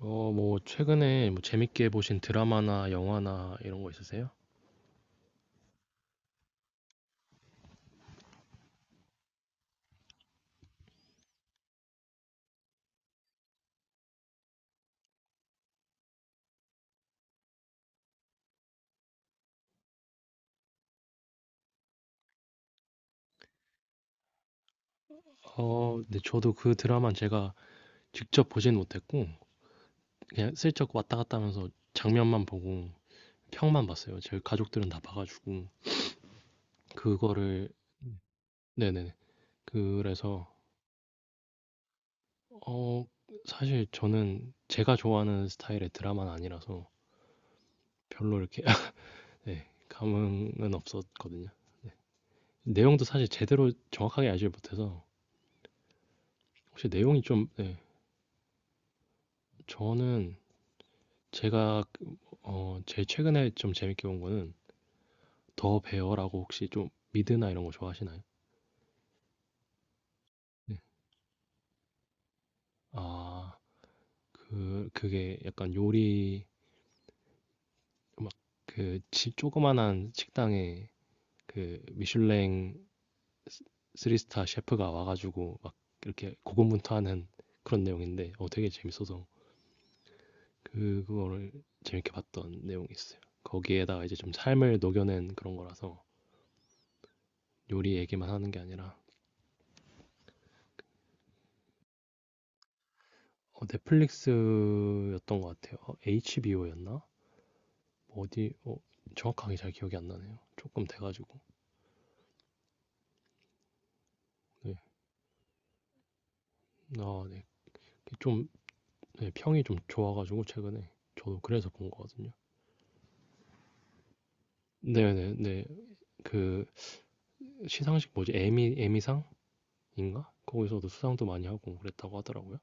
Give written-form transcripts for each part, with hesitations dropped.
뭐, 최근에 뭐 재밌게 보신 드라마나 영화나 이런 거 있으세요? 네, 저도 그 드라마는 제가 직접 보진 못했고, 그냥 슬쩍 왔다 갔다 하면서 장면만 보고, 평만 봤어요. 제 가족들은 다 봐가지고, 그거를, 네네. 그래서, 어, 사실 저는 제가 좋아하는 스타일의 드라마는 아니라서 별로 이렇게, 네, 감흥은 없었거든요. 네. 내용도 사실 제대로 정확하게 알지 못해서, 혹시 내용이 좀, 네, 저는 제가 제일 최근에 좀 재밌게 본 거는 더 베어라고 혹시 좀 미드나 이런 거 좋아하시나요? 네. 아. 그게 약간 요리 막그 조그만한 식당에 그 미슐랭 쓰 3스타 스타 셰프가 와 가지고 막 이렇게 고군분투하는 그런 내용인데 되게 재밌어서 그거를 재밌게 봤던 내용이 있어요. 거기에다가 이제 좀 삶을 녹여낸 그런 거라서 요리 얘기만 하는 게 아니라 넷플릭스였던 것 같아요. HBO였나? 어디 정확하게 잘 기억이 안 나네요. 조금 돼가지고. 네. 아, 네. 좀 네, 평이 좀 좋아가지고 최근에 저도 그래서 본 거거든요. 네네 네. 그 시상식 뭐지? 에미상인가? 거기서도 수상도 많이 하고 그랬다고 하더라고요.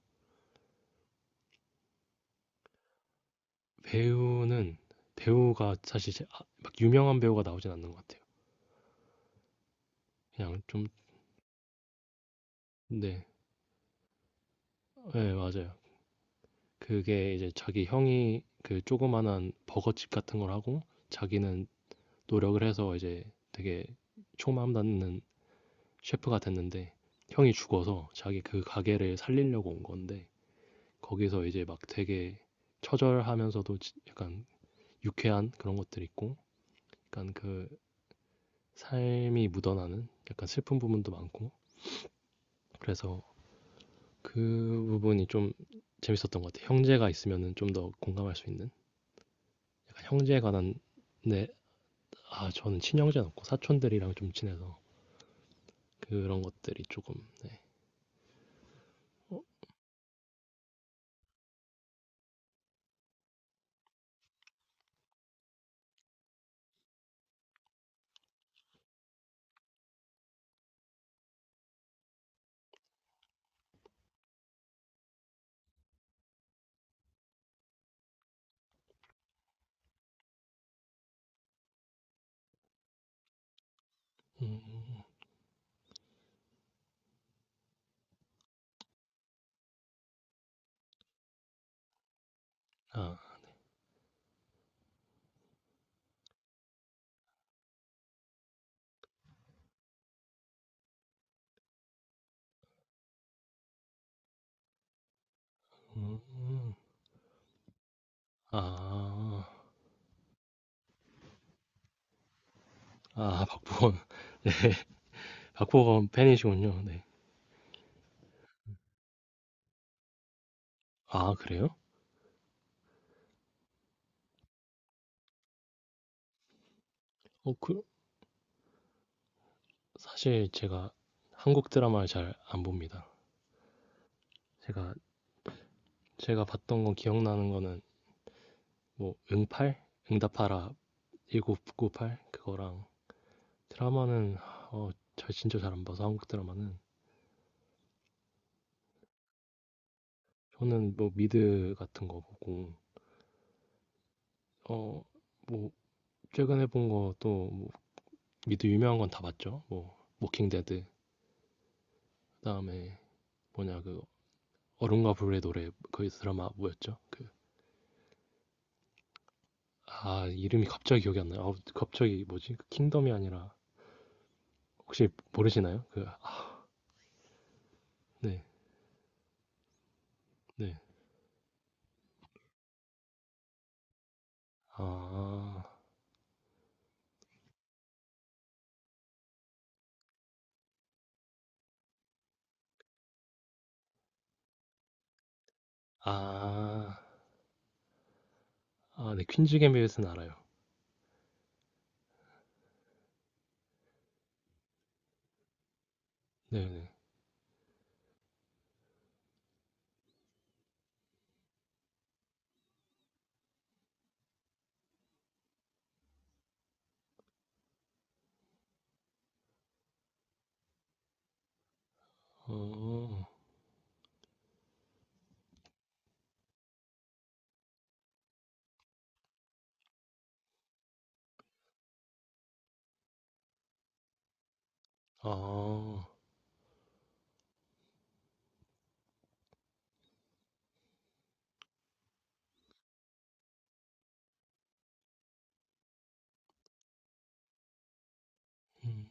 배우는 배우가 사실 아, 막 유명한 배우가 나오진 않는 것 같아요. 그냥 좀 네, 네 맞아요. 그게 이제 자기 형이 그 조그만한 버거집 같은 걸 하고 자기는 노력을 해서 이제 되게 총망 닿는 셰프가 됐는데 형이 죽어서 자기 그 가게를 살리려고 온 건데 거기서 이제 막 되게 처절하면서도 약간 유쾌한 그런 것들 있고 약간 그 삶이 묻어나는 약간 슬픈 부분도 많고 그래서 그 부분이 좀 재밌었던 것 같아요. 형제가 있으면은 좀 더 공감할 수 있는 약간 형제에 관한 내 아, 저는 친형제는 없고 사촌들이랑 좀 친해서 그런 것들이 조금, 네. 아, 음, 음. 아, 아, 박보검. 네, 박보검 팬이시군요. 네. 아, 그래요? 어, 그, 사실 제가 한국 드라마를 잘 안 봅니다. 제가, 제가 봤던 건 기억나는 거는 뭐, 응팔? 응답하라 1988? 그거랑 드라마는, 어, 저 진짜 잘 안 봐서 한국 드라마는. 저는 뭐 미드 같은 거 보고, 어, 뭐 최근에 본 거 또 미드 유명한 건 다 봤죠. 뭐 워킹데드 그다음에 뭐냐 그 얼음과 불의 노래 그 드라마 뭐였죠? 그 아 이름이 갑자기 기억이 안 나요. 아우, 갑자기 뭐지? 그 킹덤이 아니라 혹시 모르시나요? 그 아, 네. 네. 아. 아. 아, 네. 퀸즈 gambit은 알아요. 네, 네. 어. 아. 음.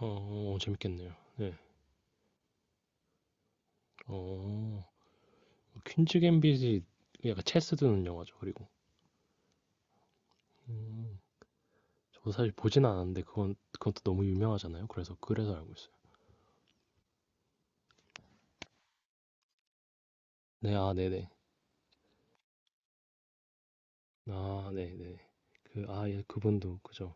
어, 어, 재밌겠네요. 네. 어. 퀸즈 갬빗이 약간 체스 두는 영화죠. 그리고 음. 저도 사실 보진 않았는데 그건 또 너무 유명하잖아요. 그래서 알고 있어요. 네, 아, 네네. 아, 네네. 그, 아, 예, 그분도 그죠.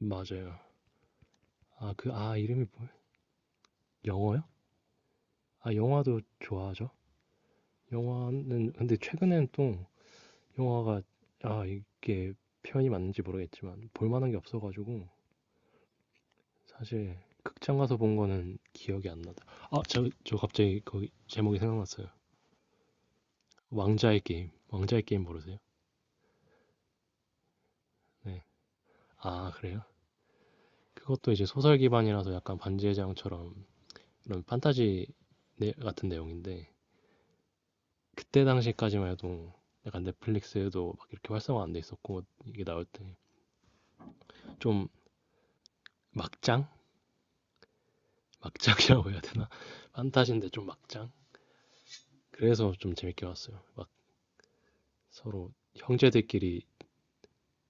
맞아요. 아, 그, 아, 이름이 뭐예요? 영화요? 아, 영화도 좋아하죠. 영화는 근데 최근엔 또 영화가 아, 이게 표현이 맞는지 모르겠지만 볼 만한 게 없어가지고 사실 극장 가서 본 거는 기억이 안 나다. 아, 저 갑자기 거기 제목이 생각났어요. 왕자의 게임. 왕자의 게임 모르세요? 네. 아, 그래요? 그것도 이제 소설 기반이라서 약간 반지의 제왕처럼 이런 판타지 같은 내용인데 그때 당시까지만 해도 약간 넷플릭스에도 막 이렇게 활성화 안 돼 있었고 이게 나올 때 좀 막장? 막장이라고 해야 되나? 판타지인데 좀 막장? 그래서 좀 재밌게 봤어요. 막 서로 형제들끼리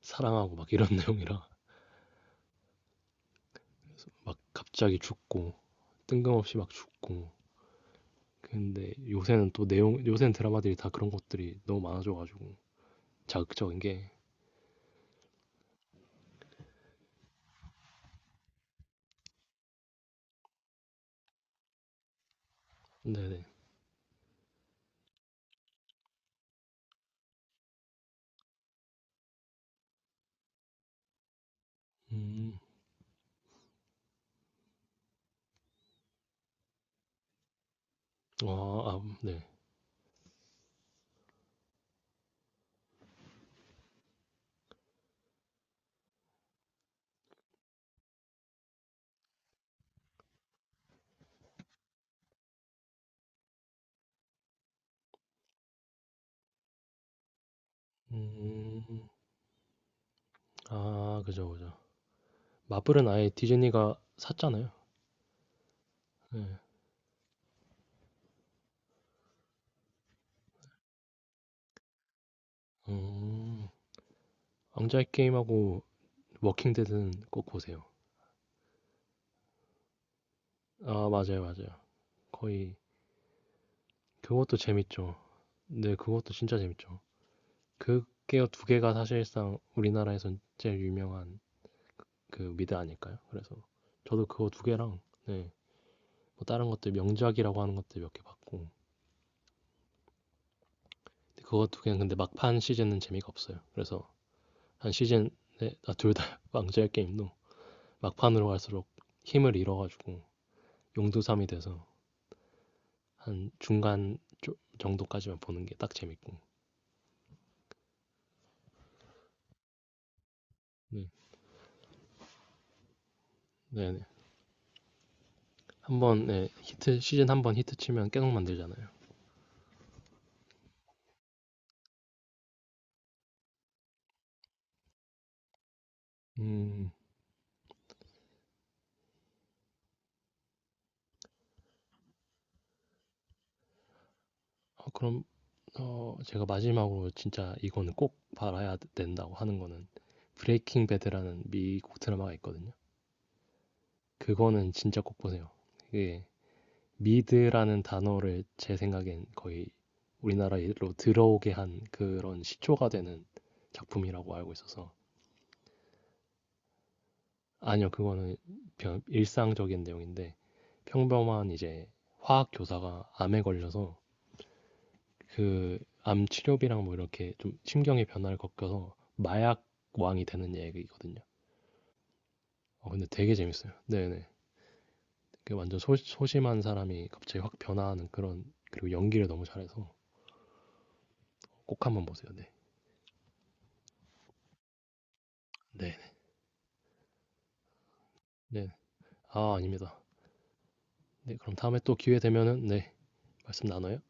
사랑하고 막 이런 내용이라 막 갑자기 죽고 뜬금없이 막 죽고 근데 요새는 또 내용 요새는 드라마들이 다 그런 것들이 너무 많아져가지고 자극적인 게 네네 음. 아 아 네. 음. 아 그죠, 그죠. 마블은 아예 디즈니가 샀잖아요. 네. 음. 왕좌의 게임하고 워킹 데드는 꼭 보세요. 아 맞아요, 맞아요. 거의 그것도 재밌죠. 네 그것도 진짜 재밌죠. 그게 두 개가 사실상 우리나라에선 제일 유명한 그 미드 아닐까요? 그래서 저도 그거 두 개랑 네 뭐 다른 것들 명작이라고 하는 것들 몇 개 봤고 근데 그거 두 개는 근데 막판 시즌은 재미가 없어요. 그래서 한 시즌에 둘 다 왕좌의 게임도 막판으로 갈수록 힘을 잃어가지고 용두삼이 돼서 한 중간 정도까지만 보는 게 딱 재밌고 네, 네, 네. 한번 네, 히트 시즌 한 번 히트 치면 계속 만들잖아요. 음, 그럼 제가 마지막으로 진짜 이거는 꼭 봐야 된다고 하는 거는 브레이킹 배드라는 미국 드라마가 있거든요. 그거는 진짜 꼭 보세요. 이게 미드라는 단어를 제 생각엔 거의 우리나라로 들어오게 한 그런 시초가 되는 작품이라고 알고 있어서 아니요 그거는 일상적인 내용인데 평범한 이제 화학 교사가 암에 걸려서 그 암 치료비랑 뭐 이렇게 좀 심경의 변화를 겪어서 마약 왕이 되는 얘기거든요. 근데 되게 재밌어요. 네네. 그 완전 소심한 사람이 갑자기 확 변화하는 그런 그리고 연기를 너무 잘해서 꼭 한번 보세요. 네. 네. 네. 아, 아닙니다. 네, 그럼 다음에 또 기회 되면은 네, 말씀 나눠요.